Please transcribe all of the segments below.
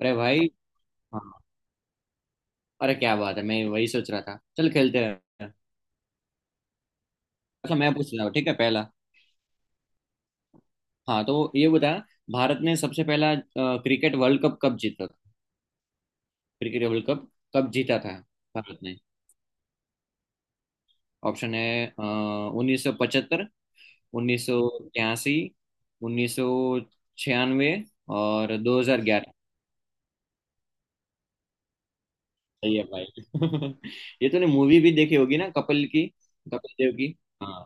अरे भाई। हाँ। अरे क्या बात है, मैं वही सोच रहा था, चल खेलते हैं। अच्छा, मैं पूछ रहा हूँ, ठीक है, पहला। हाँ तो ये बता, भारत ने सबसे पहला क्रिकेट वर्ल्ड कप कब जीता था? क्रिकेट वर्ल्ड कप कब जीता था? भारत ने। ऑप्शन है, 1975, 1983, 1996 और 2011। सही है भाई। ये तूने मूवी भी देखी होगी ना, कपिल की? कपिल देव की। हाँ।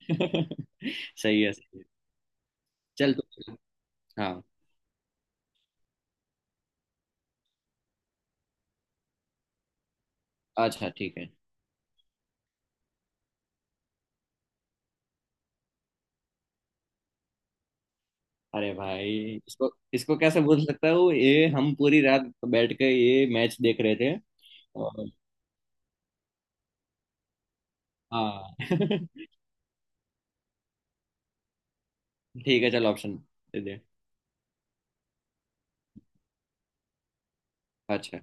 सही है, सही है। चल तू। हाँ। अच्छा ठीक है। अरे भाई, इसको इसको कैसे भूल सकता हूँ, ये हम पूरी रात बैठ के ये मैच देख रहे थे। और हाँ। ठीक है, चल ऑप्शन दे दे। अच्छा।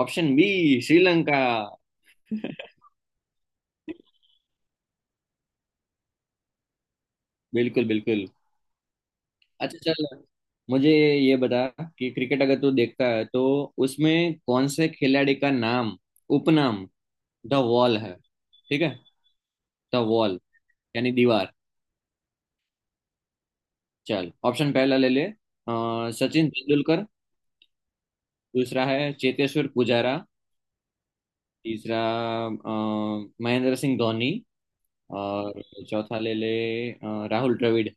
Option B, Sri Lanka. बिल्कुल बिल्कुल। अच्छा चल, मुझे ये बता कि क्रिकेट अगर तू देखता है, तो उसमें कौन से खिलाड़ी का नाम, उपनाम द वॉल है? ठीक है। द वॉल यानी दीवार। चल ऑप्शन पहला ले ले। सचिन तेंदुलकर। दूसरा है चेतेश्वर पुजारा। तीसरा, अ, महेंद्र सिंह धोनी। और चौथा ले ले, राहुल द्रविड़।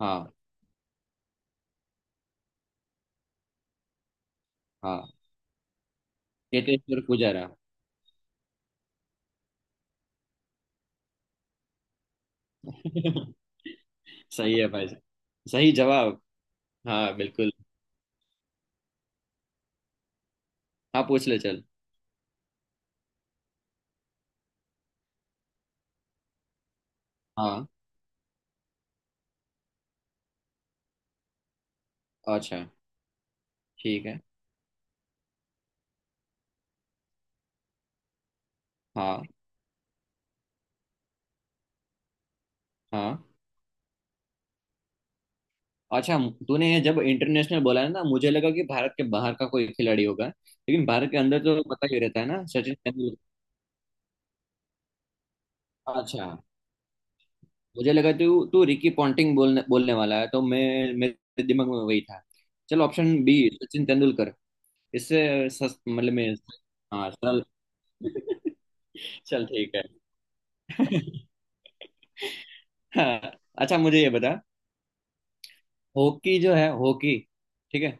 हाँ हाँ, चेतेश्वर पुजारा। सही है भाई। सही जवाब। हाँ बिल्कुल। हाँ पूछ ले चल। हाँ। अच्छा ठीक है। हाँ हाँ। अच्छा, तूने ये जब इंटरनेशनल बोला है ना, मुझे लगा कि भारत के बाहर का कोई खिलाड़ी होगा, लेकिन भारत के अंदर तो पता ही रहता है ना, सचिन तेंदुलकर। अच्छा, मुझे लगा तू तू रिकी पॉन्टिंग बोलने बोलने वाला है, तो मैं, मेरे दिमाग में वही था। चल ऑप्शन बी, सचिन तेंदुलकर। मतलब मैं। हाँ सरल। चल ठीक है। हाँ। अच्छा, मुझे ये बता, हॉकी जो है, हॉकी, ठीक है,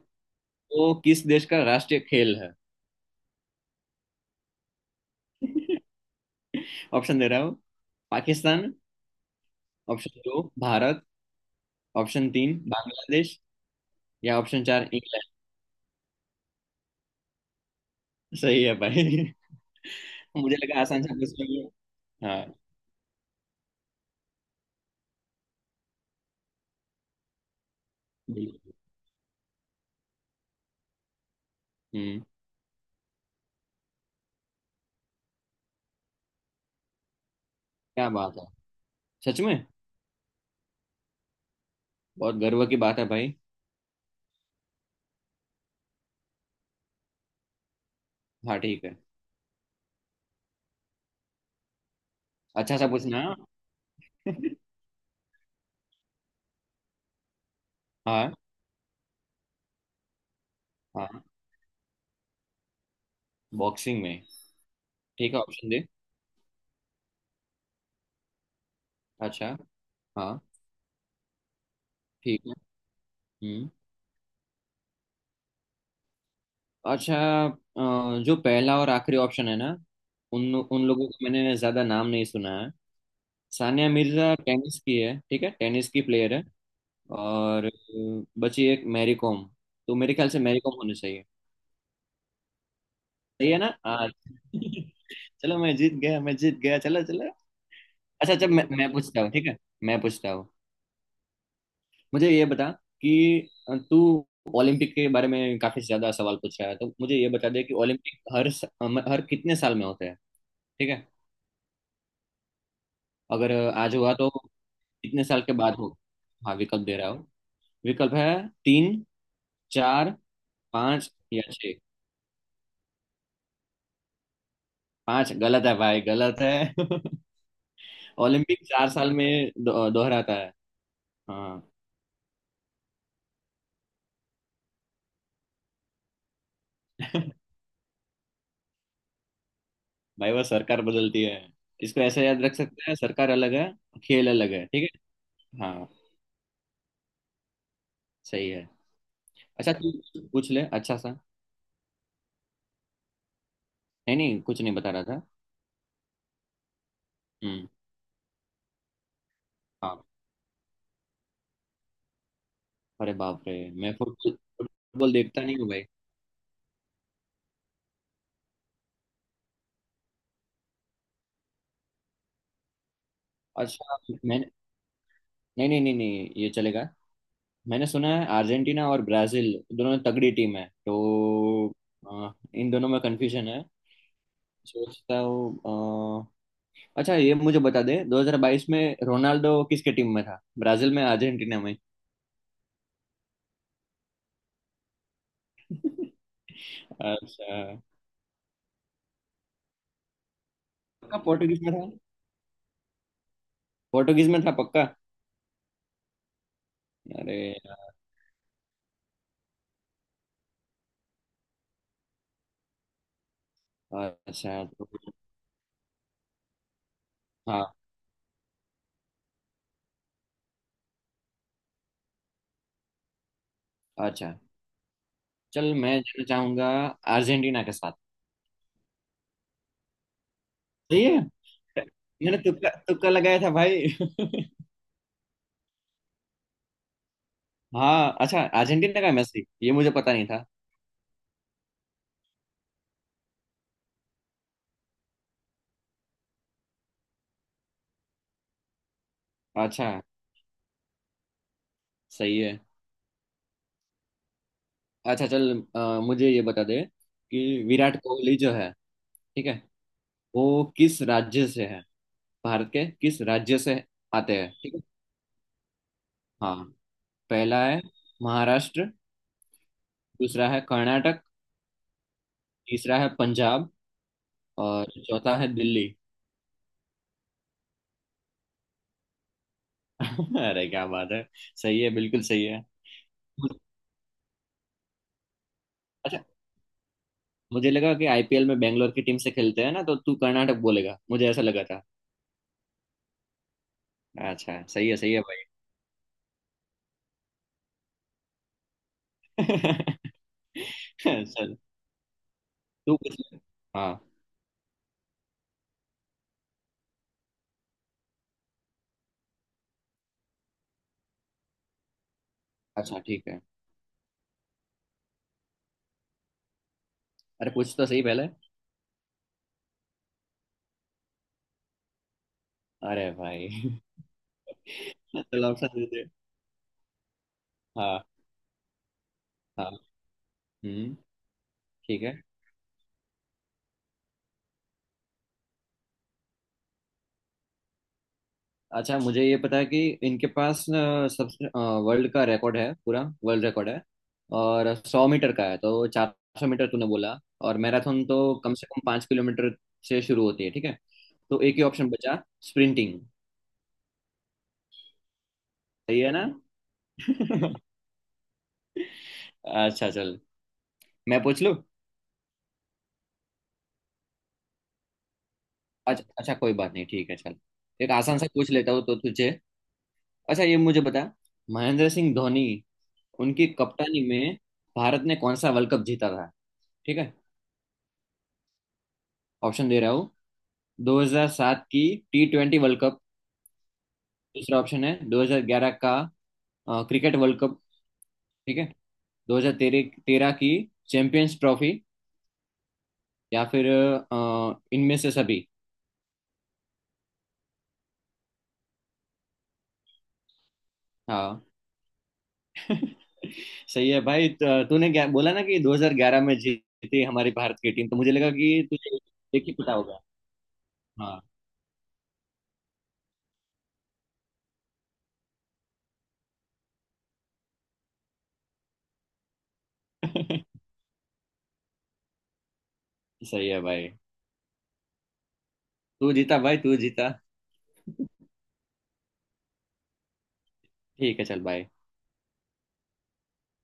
वो किस देश का राष्ट्रीय खेल है? ऑप्शन दे रहा हूँ। पाकिस्तान। ऑप्शन दो, भारत। ऑप्शन तीन, बांग्लादेश। या ऑप्शन चार, इंग्लैंड। सही है भाई। मुझे लगा आसान सा प्रश्न है। हाँ बिल्कुल। हम्म। क्या बात है? सच में? बहुत गर्व की बात है भाई। हाँ ठीक है। अच्छा सा पूछना, हाँ। हाँ हाँ। बॉक्सिंग में, ठीक है। ऑप्शन दे। अच्छा। हाँ। ठीक है। हम्म। अच्छा, जो पहला और आखिरी ऑप्शन है ना, उन उन लोगों का मैंने ज्यादा नाम नहीं सुना है। सानिया मिर्जा टेनिस की है, ठीक है, टेनिस की प्लेयर है। और बची एक मैरी कॉम। तो मेरे ख्याल से मैरी कॉम होनी चाहिए। सही है ना? हाँ। चलो मैं जीत गया, मैं जीत गया, चलो चलो। अच्छा अच्छा, मैं पूछता हूँ, ठीक है। मैं पूछता हूँ। मुझे ये बता, कि तू ओलंपिक के बारे में काफी ज्यादा सवाल पूछ रहा है, तो मुझे ये बता दे कि ओलंपिक हर हर कितने साल में होते हैं? ठीक है, अगर आज हुआ तो कितने साल के बाद हो? हाँ विकल्प दे रहा हूँ। विकल्प है, तीन, चार, पाँच या छः। पाँच गलत है भाई, गलत है। ओलंपिक 4 साल में दोहराता है। हाँ। भाई वो सरकार बदलती है। इसको ऐसा याद रख सकते हैं, सरकार अलग है, खेल अलग है, ठीक है। हाँ सही है। अच्छा तू पूछ ले, अच्छा सा। नहीं नहीं, कुछ नहीं बता रहा था। हम्म। हाँ। अरे बाप रे। मैं फुटबॉल फुटबॉल देखता नहीं हूँ भाई। अच्छा। मैंने, नहीं नहीं नहीं नहीं, ये चलेगा। मैंने सुना है अर्जेंटीना और ब्राजील दोनों तगड़ी टीम है, तो इन दोनों में कंफ्यूजन है। सोचता हूँ। अ, अच्छा ये मुझे बता दे, 2022 में रोनाल्डो किसके टीम में था, ब्राजील में, अर्जेंटीना में? अच्छा। पक्का पोर्टुगीज में था? पोर्टुगीज में था पक्का। अरे यार। अच्छा तो हाँ। अच्छा चल, मैं जाना चाहूंगा अर्जेंटीना के साथ। सही है। मैंने तुक्का तुक्का लगाया था भाई। हाँ। अच्छा, अर्जेंटीना का मैच थी, ये मुझे पता नहीं था। अच्छा। सही है। अच्छा चल, मुझे ये बता दे कि विराट कोहली जो है, ठीक है, वो किस राज्य से है, भारत के किस राज्य से आते हैं, ठीक है। हाँ। पहला है महाराष्ट्र। दूसरा है कर्नाटक। तीसरा है पंजाब। और चौथा है दिल्ली। अरे क्या बात है, सही है, बिल्कुल सही है। अच्छा, मुझे लगा कि आईपीएल में बेंगलोर की टीम से खेलते हैं ना, तो तू कर्नाटक बोलेगा, मुझे ऐसा लगा था। अच्छा सही है, सही है भाई। चल तू पूछ ले। हाँ। अच्छा ठीक है। अरे पूछ तो सही पहले। अरे भाई। चल ऑप्शन दे दे। हाँ हाँ। हम्म। ठीक है। अच्छा, मुझे ये पता है कि इनके पास न, सबसे, वर्ल्ड का रिकॉर्ड है, पूरा वर्ल्ड रिकॉर्ड है। और 100 मीटर का है, तो 400 मीटर तूने बोला। और मैराथन तो कम से कम 5 किलोमीटर से शुरू होती है, ठीक है। तो एक ही ऑप्शन बचा, स्प्रिंटिंग। सही है ना? अच्छा चल मैं पूछ लूँ। अच्छा अच्छा, कोई बात नहीं, ठीक है चल। एक आसान सा पूछ लेता हूँ तो तुझे। अच्छा ये मुझे बता, महेंद्र सिंह धोनी उनकी कप्तानी में भारत ने कौन सा वर्ल्ड कप जीता था, ठीक है। ऑप्शन दे रहा हूँ। 2007 की T20 वर्ल्ड कप। दूसरा ऑप्शन है 2011 का क्रिकेट वर्ल्ड कप, ठीक है। 2013 तेरह तेरह की चैंपियंस ट्रॉफी। या फिर इनमें से सभी। हाँ। सही है भाई। तूने क्या बोला ना कि 2011 में जीती हमारी भारत की टीम, तो मुझे लगा कि तुझे एक ही पता होगा। हाँ। सही है भाई, तू जीता भाई, तू जीता। ठीक है चल भाई।